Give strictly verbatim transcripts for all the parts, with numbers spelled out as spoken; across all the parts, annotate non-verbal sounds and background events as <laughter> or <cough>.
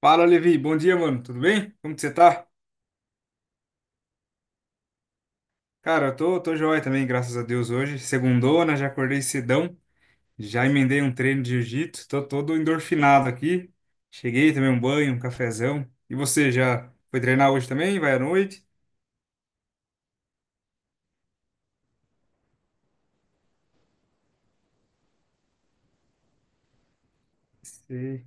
Fala, Levi. Bom dia, mano. Tudo bem? Como que você tá? Cara, eu tô, tô joia também, graças a Deus, hoje. Segundona, já acordei cedão. Já emendei um treino de jiu-jitsu. Tô todo endorfinado aqui. Cheguei, tomei um banho, um cafezão. E você, já foi treinar hoje também? Vai à noite? Sei.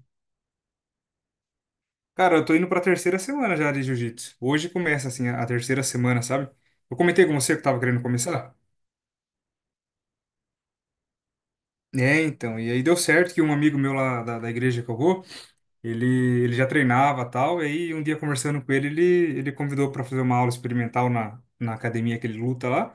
Cara, eu tô indo pra terceira semana já de jiu-jitsu. Hoje começa, assim, a a terceira semana, sabe? Eu comentei com você que eu tava querendo começar? É, então. E aí deu certo que um amigo meu lá da, da igreja que eu vou. Ele, ele já treinava tal, e aí um dia conversando com ele, ele, ele convidou para fazer uma aula experimental na, na academia que ele luta lá.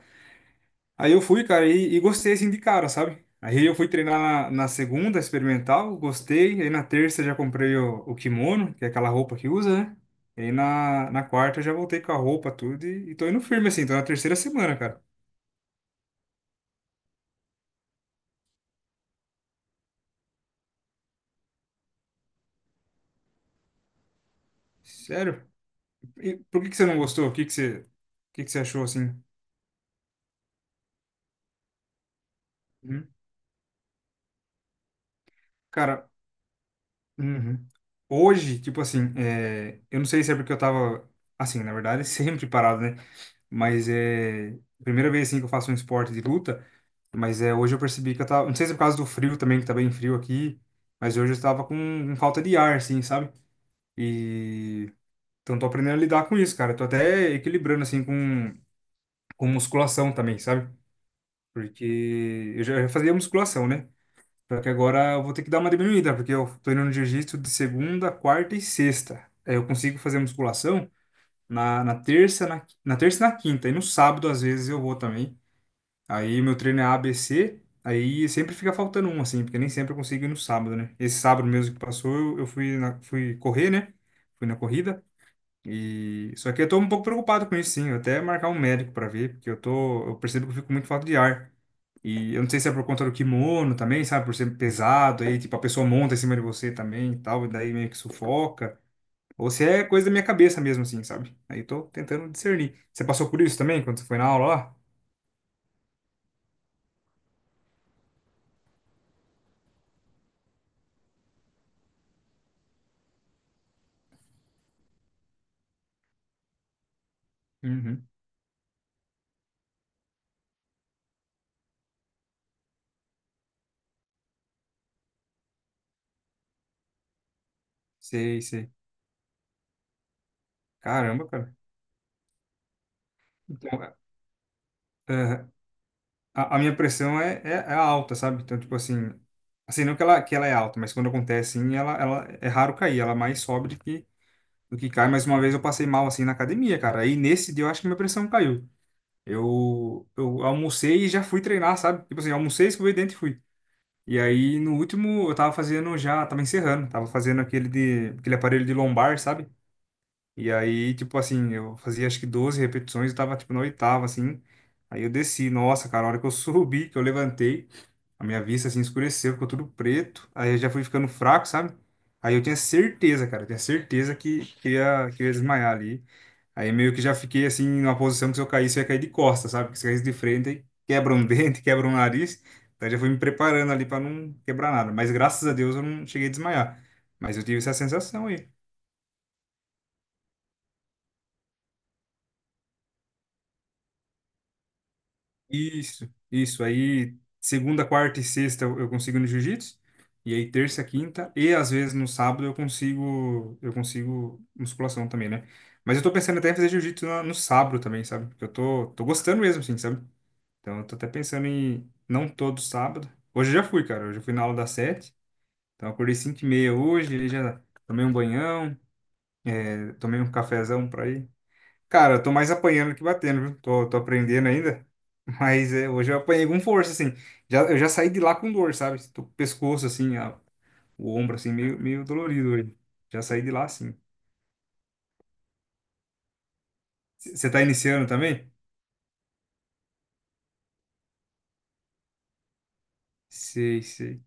Aí eu fui, cara, e, e gostei assim de cara, sabe? Aí eu fui treinar na, na segunda experimental, gostei. Aí na terça já comprei o, o kimono, que é aquela roupa que usa, né? E aí na, na quarta eu já voltei com a roupa, tudo, e, e tô indo firme assim, tô na terceira semana, cara. Sério? E por que que você não gostou? O que que você, o que que você achou assim? Hum? Cara. Uhum. Hoje, tipo assim, é, eu não sei se é porque eu tava, assim, na verdade, <laughs> sempre parado, né? Mas é primeira vez, assim, que eu faço um esporte de luta, mas é, hoje eu percebi que eu tava, não sei se é por causa do frio também, que tá bem frio aqui, mas hoje eu tava com, com falta de ar, assim, sabe? E, então tô aprendendo a lidar com isso, cara. Tô até equilibrando, assim, com, com musculação também, sabe? Porque eu já fazia musculação, né? Só que agora eu vou ter que dar uma diminuída, porque eu tô indo no jiu-jitsu de segunda, quarta e sexta. Aí eu consigo fazer musculação na, na terça, na, na terça e na quinta. E no sábado, às vezes, eu vou também. Aí meu treino é A B C, aí sempre fica faltando um, assim, porque nem sempre eu consigo ir no sábado, né? Esse sábado mesmo que passou, eu, eu fui, na- fui correr, né? Fui na corrida. E só que eu tô um pouco preocupado com isso, sim. Eu até marcar um médico para ver, porque eu tô, eu percebo que eu fico muito falta de ar. E eu não sei se é por conta do kimono também, sabe, por ser pesado, aí tipo a pessoa monta em cima de você também, e tal, e daí meio que sufoca, ou se é coisa da minha cabeça mesmo assim, sabe? Aí eu tô tentando discernir. Você passou por isso também quando você foi na aula lá? Uhum. Sei, sei. Caramba, cara. Então, a, a minha pressão é, é, é alta, sabe? Então, tipo assim, assim, não que ela, que ela é alta, mas quando acontece, assim, ela, ela é raro cair, ela mais sobe do que, do que cai. Mas uma vez eu passei mal, assim, na academia, cara. Aí nesse dia eu acho que minha pressão caiu. Eu, eu almocei e já fui treinar, sabe? Tipo assim, almocei, escovei o dente e fui. E aí, no último, eu tava fazendo já, tava encerrando, tava fazendo aquele de, aquele aparelho de lombar, sabe? E aí, tipo assim, eu fazia acho que doze repetições, eu tava tipo na oitava, assim. Aí eu desci, nossa, cara, a hora que eu <laughs> subi, que eu levantei, a minha vista assim escureceu, ficou tudo preto. Aí eu já fui ficando fraco, sabe? Aí eu tinha certeza, cara, eu tinha certeza que, que, ia, que eu ia desmaiar ali. Aí meio que já fiquei assim, numa posição que se eu caísse, eu ia cair de costas, sabe? Porque se eu caísse de frente, aí quebra um <laughs> dente, quebra um nariz. Então eu já fui me preparando ali pra não quebrar nada. Mas graças a Deus eu não cheguei a desmaiar. Mas eu tive essa sensação aí. Isso, isso. Aí, segunda, quarta e sexta eu eu consigo no jiu-jitsu. E aí, terça, quinta e às vezes no sábado eu consigo, eu consigo musculação também, né? Mas eu tô pensando até em fazer jiu-jitsu na- no, sábado também, sabe? Porque eu tô, tô gostando mesmo, assim, sabe? Então, eu tô até pensando em não todo sábado. Hoje eu já fui, cara. Hoje eu fui na aula das sete. Então, eu acordei cinco e meia hoje. Ele já tomei um banhão, é tomei um cafezão pra ir. Cara, eu tô mais apanhando que batendo, viu? Tô, tô aprendendo ainda. <laughs> Mas é, hoje eu apanhei com força, assim. Já, eu já saí de lá com dor, sabe? Tô com o pescoço, assim, a- o ombro, assim, meio, meio dolorido hoje. Já saí de lá, assim. Você tá iniciando também? Sei, sei.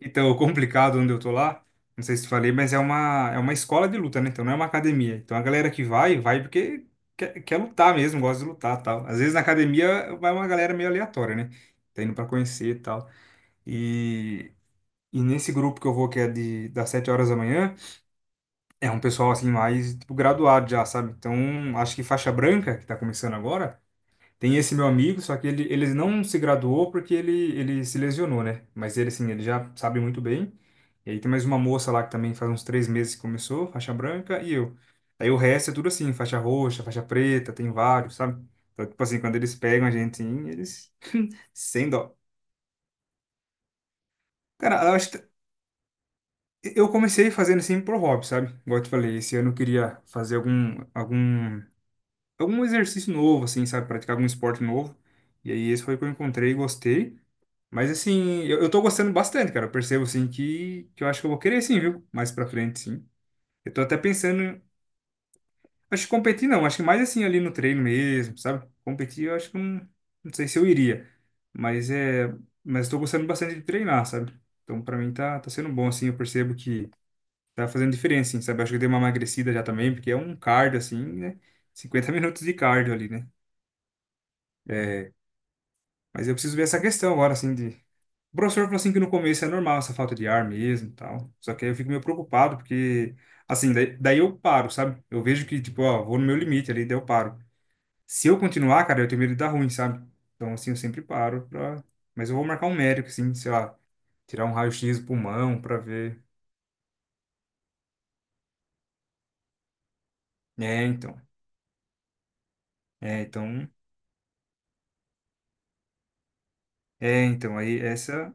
Então, <laughs> o complicado onde eu tô lá, não sei se te falei, mas é uma, é uma escola de luta, né? Então não é uma academia. Então a galera que vai, vai porque quer, quer lutar mesmo, gosta de lutar tal. Às vezes na academia vai uma galera meio aleatória, né? Tá indo pra conhecer e tal. E E nesse grupo que eu vou, que é de, das sete horas da manhã, é um pessoal assim mais tipo, graduado já, sabe? Então, acho que faixa branca, que tá começando agora, tem esse meu amigo, só que ele, ele não se graduou porque ele, ele se lesionou, né? Mas ele, assim, ele já sabe muito bem. E aí tem mais uma moça lá que também faz uns três meses que começou, faixa branca, e eu. Aí o resto é tudo assim, faixa roxa, faixa preta, tem vários, sabe? Então, tipo assim, quando eles pegam a gente, assim, eles sem dó. Cara, eu acho. Eu comecei fazendo assim pro hobby, sabe? Igual eu te falei, esse ano eu queria fazer algum, algum, algum exercício novo, assim, sabe? Praticar algum esporte novo. E aí esse foi o que eu encontrei e gostei. Mas assim, eu, eu tô gostando bastante, cara. Eu percebo, assim, que, que eu acho que eu vou querer sim, viu? Mais pra frente, sim. Eu tô até pensando, em- acho que competir não, acho que mais assim ali no treino mesmo, sabe? Competir eu acho que não, não sei se eu iria. Mas é, mas tô gostando bastante de treinar, sabe? Então pra mim tá, tá sendo bom, assim, eu percebo que tá fazendo diferença, assim, sabe? Acho que eu dei uma emagrecida já também, porque é um cardio, assim, né? Cinquenta minutos de cardio ali, né? É, mas eu preciso ver essa questão agora, assim, de... O professor falou assim que no começo é normal essa falta de ar mesmo e tal. Só que aí eu fico meio preocupado, porque, assim, daí, daí eu paro, sabe? Eu vejo que, tipo, ó, vou no meu limite ali, daí eu paro. Se eu continuar, cara, eu tenho medo de dar ruim, sabe? Então, assim, eu sempre paro pra... Mas eu vou marcar um médico, assim, sei lá, tirar um raio-x do pulmão pra ver. É, então. É, então. É, então. Aí essa.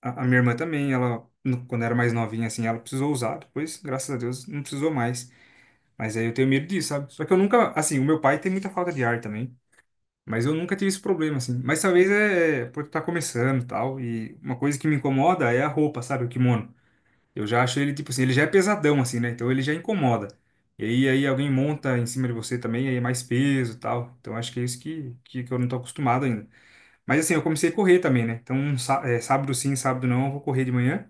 A, a minha irmã também, ela, no- quando era mais novinha, assim, ela precisou usar, depois, graças a Deus, não precisou mais. Mas aí eu tenho medo disso, sabe? Só que eu nunca, assim, o meu pai tem muita falta de ar também, mas eu nunca tive esse problema, assim. Mas talvez é por estar começando e tal, e uma coisa que me incomoda é a roupa, sabe? O kimono. Eu já acho ele, tipo assim, ele já é pesadão, assim, né? Então ele já incomoda. E aí, aí alguém monta em cima de você também, aí é mais peso e tal. Então acho que é isso que, que, que eu não tô acostumado ainda. Mas assim, eu comecei a correr também, né? Então, sá- é, sábado sim, sábado não, eu vou correr de manhã.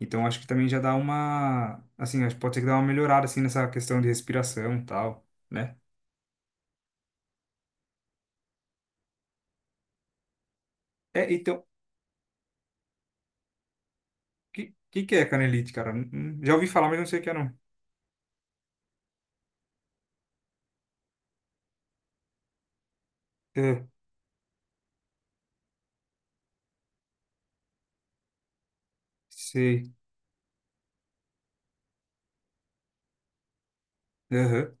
Então, acho que também já dá uma, assim, acho que pode ser que dá uma melhorada, assim, nessa questão de respiração e tal, né? É, então, o que, que que é canelite, cara? Hum, hum, Já ouvi falar, mas não sei o que é, não. É, sei. Aham.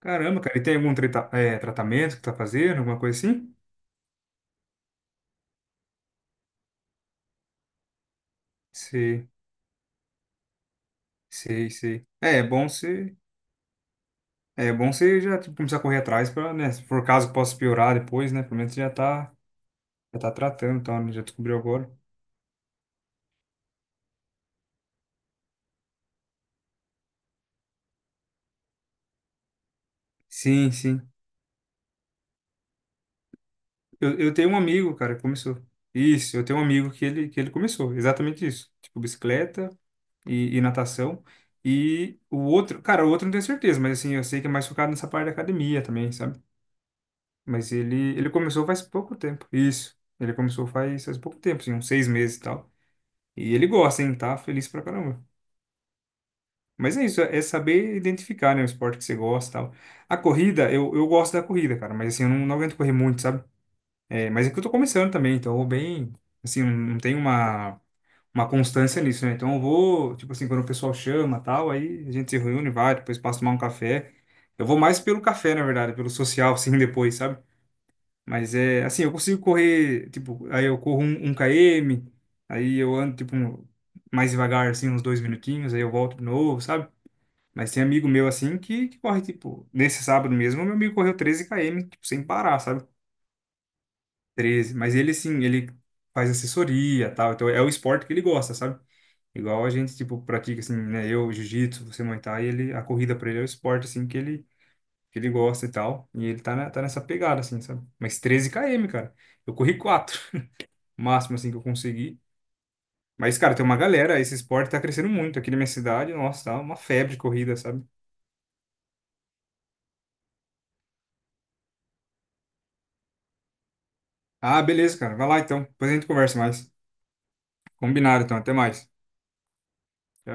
Caramba, cara, e tem algum treta- é, tratamento que tá fazendo, alguma coisa assim? Sei, sei, sei. É, é bom você, é bom você já, tipo, começar a correr atrás pra, né, se for caso que possa piorar depois, né, pelo menos você já tá. Já tá tratando, tá? Né? Já descobriu agora. Sim, sim. Eu, eu tenho um amigo, cara, que começou. Isso, eu tenho um amigo que ele, que ele começou. Exatamente isso. Tipo, bicicleta e, e natação. E o outro, cara, o outro não tenho certeza, mas assim, eu sei que é mais focado nessa parte da academia também, sabe? Mas ele, ele começou faz pouco tempo. Isso. Ele começou faz, faz pouco tempo, assim, uns seis meses e tal. E ele gosta, hein? Tá feliz pra caramba. Mas é isso, é é saber identificar, né, o esporte que você gosta e tal. A corrida, eu, eu gosto da corrida, cara, mas assim, eu não, não aguento correr muito, sabe? É, mas é que eu tô começando também, então eu vou bem, assim, não tem uma, uma constância nisso, né? Então eu vou, tipo assim, quando o pessoal chama, tal, aí a gente se reúne, vai, depois passa a tomar um café. Eu vou mais pelo café, na verdade, pelo social, assim, <laughs> depois, sabe? Mas é, assim, eu consigo correr, tipo, aí eu corro um, um km, aí eu ando, tipo, um- mais devagar, assim, uns dois minutinhos, aí eu volto de novo, sabe? Mas tem amigo meu, assim, que, que corre, tipo, nesse sábado mesmo, meu amigo correu treze km, tipo, sem parar, sabe? treze, Mas ele, sim, ele faz assessoria, e tal. Então, é o esporte que ele gosta, sabe? Igual a gente, tipo, pratica, assim, né? Eu, jiu-jitsu, você, Muay Thai, ele, a corrida pra ele é o esporte, assim, que ele, que ele gosta e tal. E ele tá, na- tá nessa pegada, assim, sabe? Mas treze km, cara. Eu corri quatro, <laughs> máximo, assim, que eu consegui. Mas, cara, tem uma galera, esse esporte tá crescendo muito aqui na minha cidade. Nossa, tá uma febre de corrida, sabe? Ah, beleza, cara. Vai lá, então. Depois a gente conversa mais. Combinado, então. Até mais. Tchau.